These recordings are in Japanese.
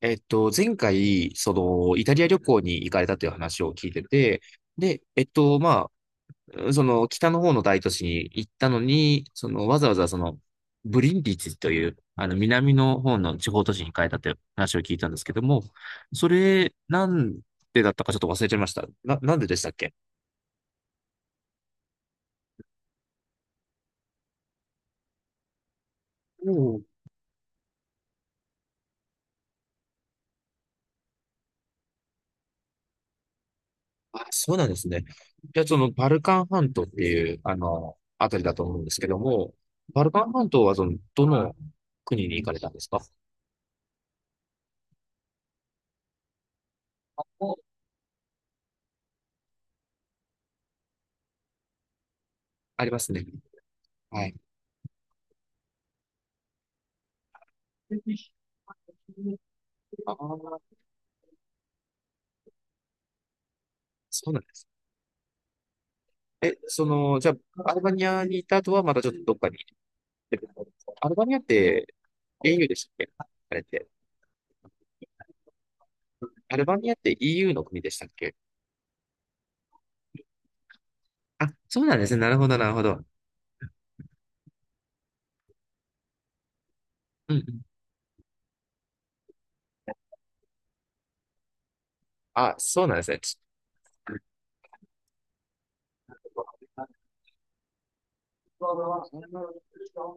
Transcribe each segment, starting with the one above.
前回、イタリア旅行に行かれたという話を聞いてて、で、あ、北の方の大都市に行ったのに、その、わざわざその、ブリンディツという、南の方の地方都市に行かれたという話を聞いたんですけども、それ、なんでだったかちょっと忘れちゃいました。なんででしたっけ？おお。あ、そうなんですね。じゃあ、バルカン半島っていう、あたりだと思うんですけども、バルカン半島は、どの国に行かれたんですか？ありますね。はい。ああ、そうなんです。え、じゃあ、アルバニアにいた後はまたちょっとどっかに行ってるんですか？アルバニアって EU でしたっけ、あれって。アルバニアって EU の国でしたっけ？あ、そうなんですね。なるほど、なるほど。うんうん。あ、そうなんですね。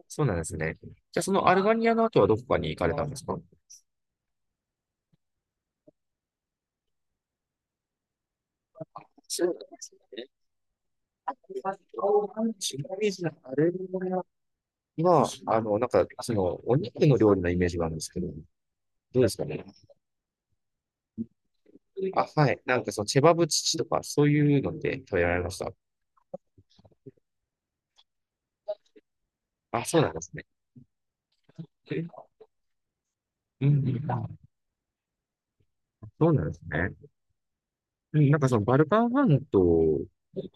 そうなんですね。じゃあ、そのアルバニアの後はどこかに行かれたんですか？そうなんですね。ちなみに、アルバニアは、お肉の料理のイメージがあるんですけど、どうですかね？あ、はい。なんかそのチェバブチチとか、そういうので食べられました。あ、そうなんですね。うん、あ、そうなんですね。うん、そのバルカン半島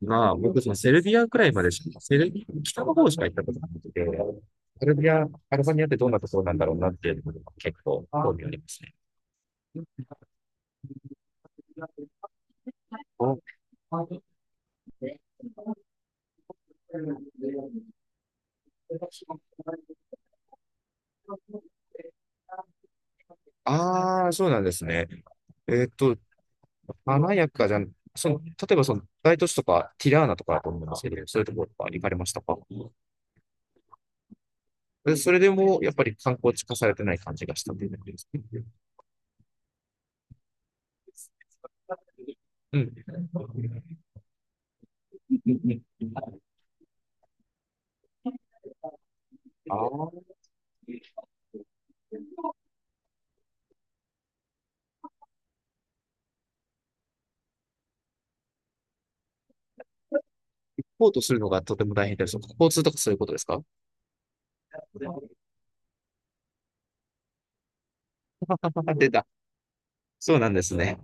が、僕そのセルビアくらいまでしか、セルビア北の方しか行ったことなくて、セルビア、アルバニアってどんなところなんだろうなっていうのが結構興味ありますね。ああ、そうなんですね。えっと、華やかじゃん、例えばその大都市とか、ティラーナとかだと思うんですけど、そういうところとか行かれましたか？でそれでも、やっぱり観光地化されてない感じがしたというだけですね。うん。うんうん。ああ、ポートするのがとても大変です。交通とかそういうことですか？あ、出た。そうなんですね。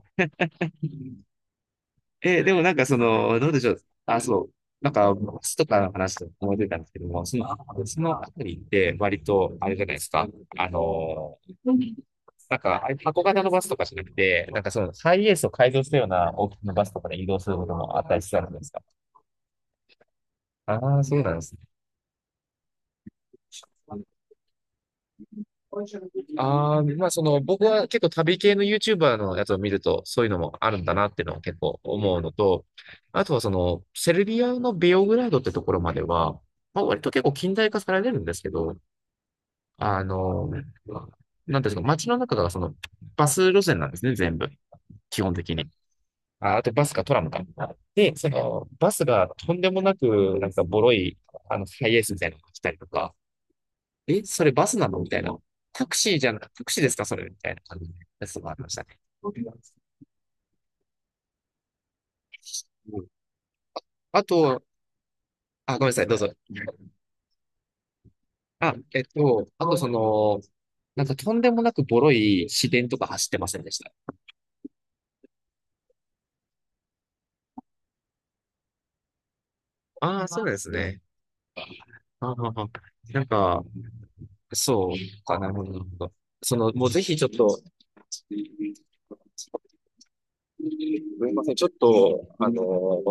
えー、でもその、どうでしょう。あ、そう。なんか、バスとかの話で思い出たんですけども、その、そのあたりって割と、あれじゃないですか。あのーなんか、あ、箱型のバスとかじゃなくて、ハイエースを改造したような大きなバスとかで移動することもあったりしたんですか？ああー、そうなんですね。ああ、僕は結構旅系の YouTuber のやつを見るとそういうのもあるんだなっていうのを結構思うのと、あとはそのセルビアのベオグラードってところまでは、まあ割と結構近代化されてるんですけど、なんていうんですか、街の中がそのバス路線なんですね、全部。基本的に。あ、あとバスかトラムか。で、そのバスがとんでもなくなんかボロい、ハイエースみたいなのが来たりとか、え、それバスなのみたいな。タクシーですかそれみたいな感じのやつもありましたね。うん、あと、あ、ごめんなさい、どうぞ。あ、あとその、なんかとんでもなくボロい市電とか走ってませんでした？ああ、そうですね。ああ、あ、なんか、そうかな、なるほど。なるほど。もうぜひちょっと、すみません、ちょっと、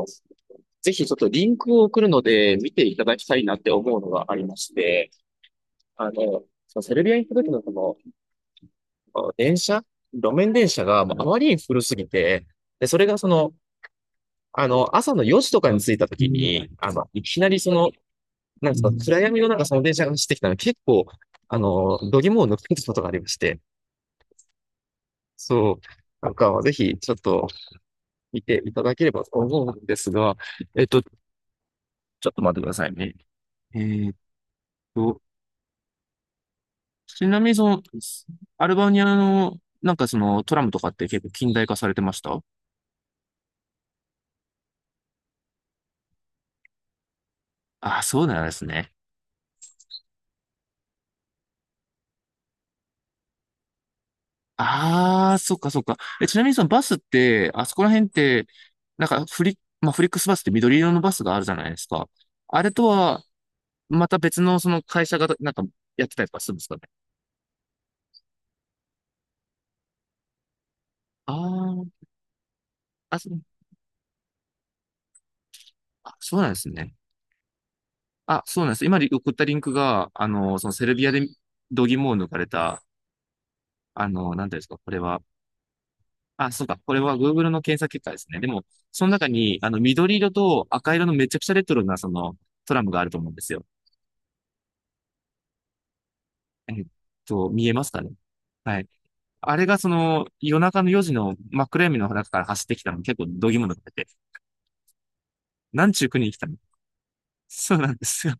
ぜひちょっとリンクを送るので見ていただきたいなって思うのがありまして、そのセルビアに行った時のその、電車路面電車がもうあまりに古すぎて、で、それがその、朝の4時とかに着いた時に、あの、いきなりその、なんですか、暗闇の中その電車が走ってきたので、結構、度肝を抜くことがありまして、そう、なんか、ぜひ、ちょっと、見ていただければと思うんですが、ちょっと待ってくださいね。えーっと、ちなみにその、アルバニアの、トラムとかって結構近代化されてました？ああ、そうなんですね。ああ、そっかそっか。え、ちなみにそのバスって、あそこら辺って、なんかフリ、まあ、フリックスバスって緑色のバスがあるじゃないですか。あれとは、また別のその会社がなんかやってたりとかするんですかね。あー、あ、そう、あ、そうなんですね。あ、そうなんです。今送ったリンクが、そのセルビアで度肝を抜かれた、なんていうんですか、これは。あ、そうか。これは Google の検索結果ですね。でも、その中に、緑色と赤色のめちゃくちゃレトロな、トラムがあると思うんですよ。えっ見えますかね。はい。あれがその、夜中の4時の真っ暗闇の中から走ってきたの結構度肝抜かれて、なんちゅう国に来たの。そうなんですよ。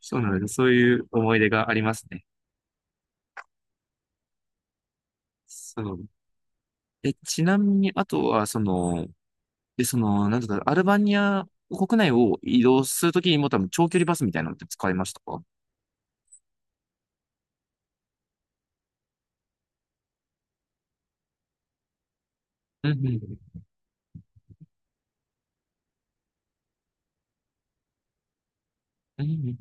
そうなんです。そういう思い出がありますね。そう。え、ちなみに、あとは、その、で、その、なんとか、アルバニア国内を移動するときにも多分長距離バスみたいなのって使いましたか？うんうん。うんうん。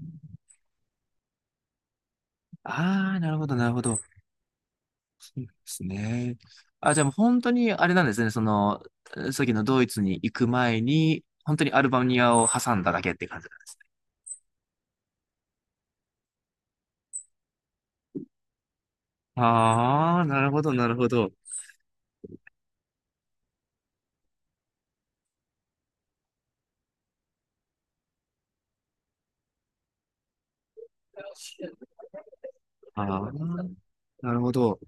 ああ、なるほど、なるほど。ですね。あ、じゃあもう本当にあれなんですね。さっきのドイツに行く前に、本当にアルバニアを挟んだだけって感じ。ああ、なるほど、なるほど。ああ、なるほど。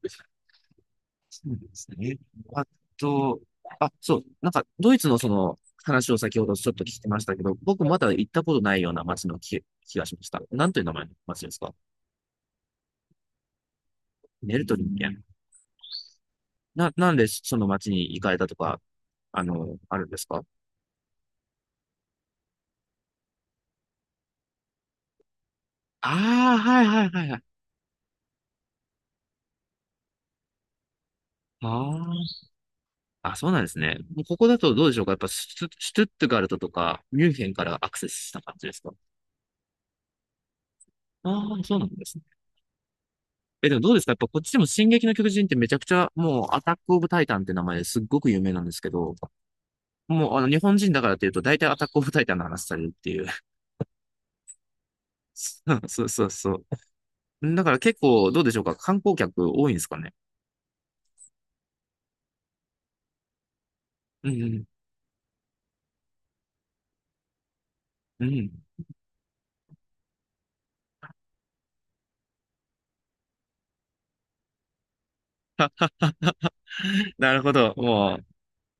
そうなんですね。あと、あ、そう、なんか、ドイツのその話を先ほどちょっと聞きましたけど、僕まだ行ったことないような街の気がしました。なんという名前の街ですか？ネルトリンゲン。なんでその街に行かれたとか、あるんですか？ああー、はいはいはいはい。ああ、あ、そうなんですね。もうここだとどうでしょうか、やっぱシュトゥットガルトとか、ミュンヘンからアクセスした感じですか？ああー、そうなんですね。え、でもどうですかやっぱこっちでも進撃の巨人ってめちゃくちゃ、もうアタックオブタイタンって名前ですっごく有名なんですけど、もうあの日本人だからっていうと大体アタックオブタイタンの話されるっていう。そうそうそう。だから結構どうでしょうか観光客多いんですかね？うんうん。うん。なるほど。もう、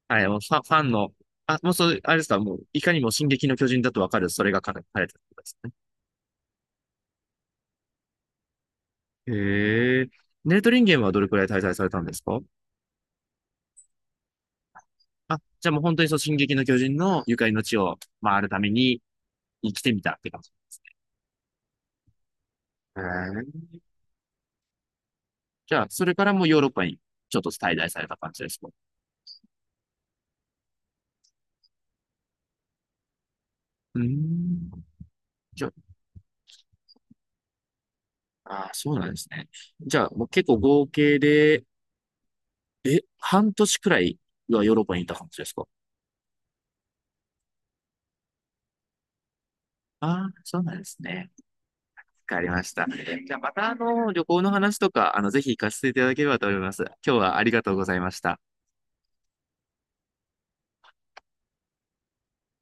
はい、もうファン、ファンの、あ、もうそれ、あれですか、もう、いかにも進撃の巨人だとわかる、それが書かれてたことですね。へえ。ネートリンゲンはどれくらい滞在されたんですか？あ、じゃあもう本当にそう、進撃の巨人のゆかりの地を回るために生きてみたって感じ。へえ。じゃあ、それからもうヨーロッパにちょっと滞在された感じですか？うーん。じゃあ、あー、そうなんですね。じゃあ、もう結構合計で、え、半年くらいはヨーロッパにいた感じですか？ああー、そうなんですね。わかりました。じゃあまた旅行の話とか、ぜひ行かせていただければと思います。今日はありがとうございました。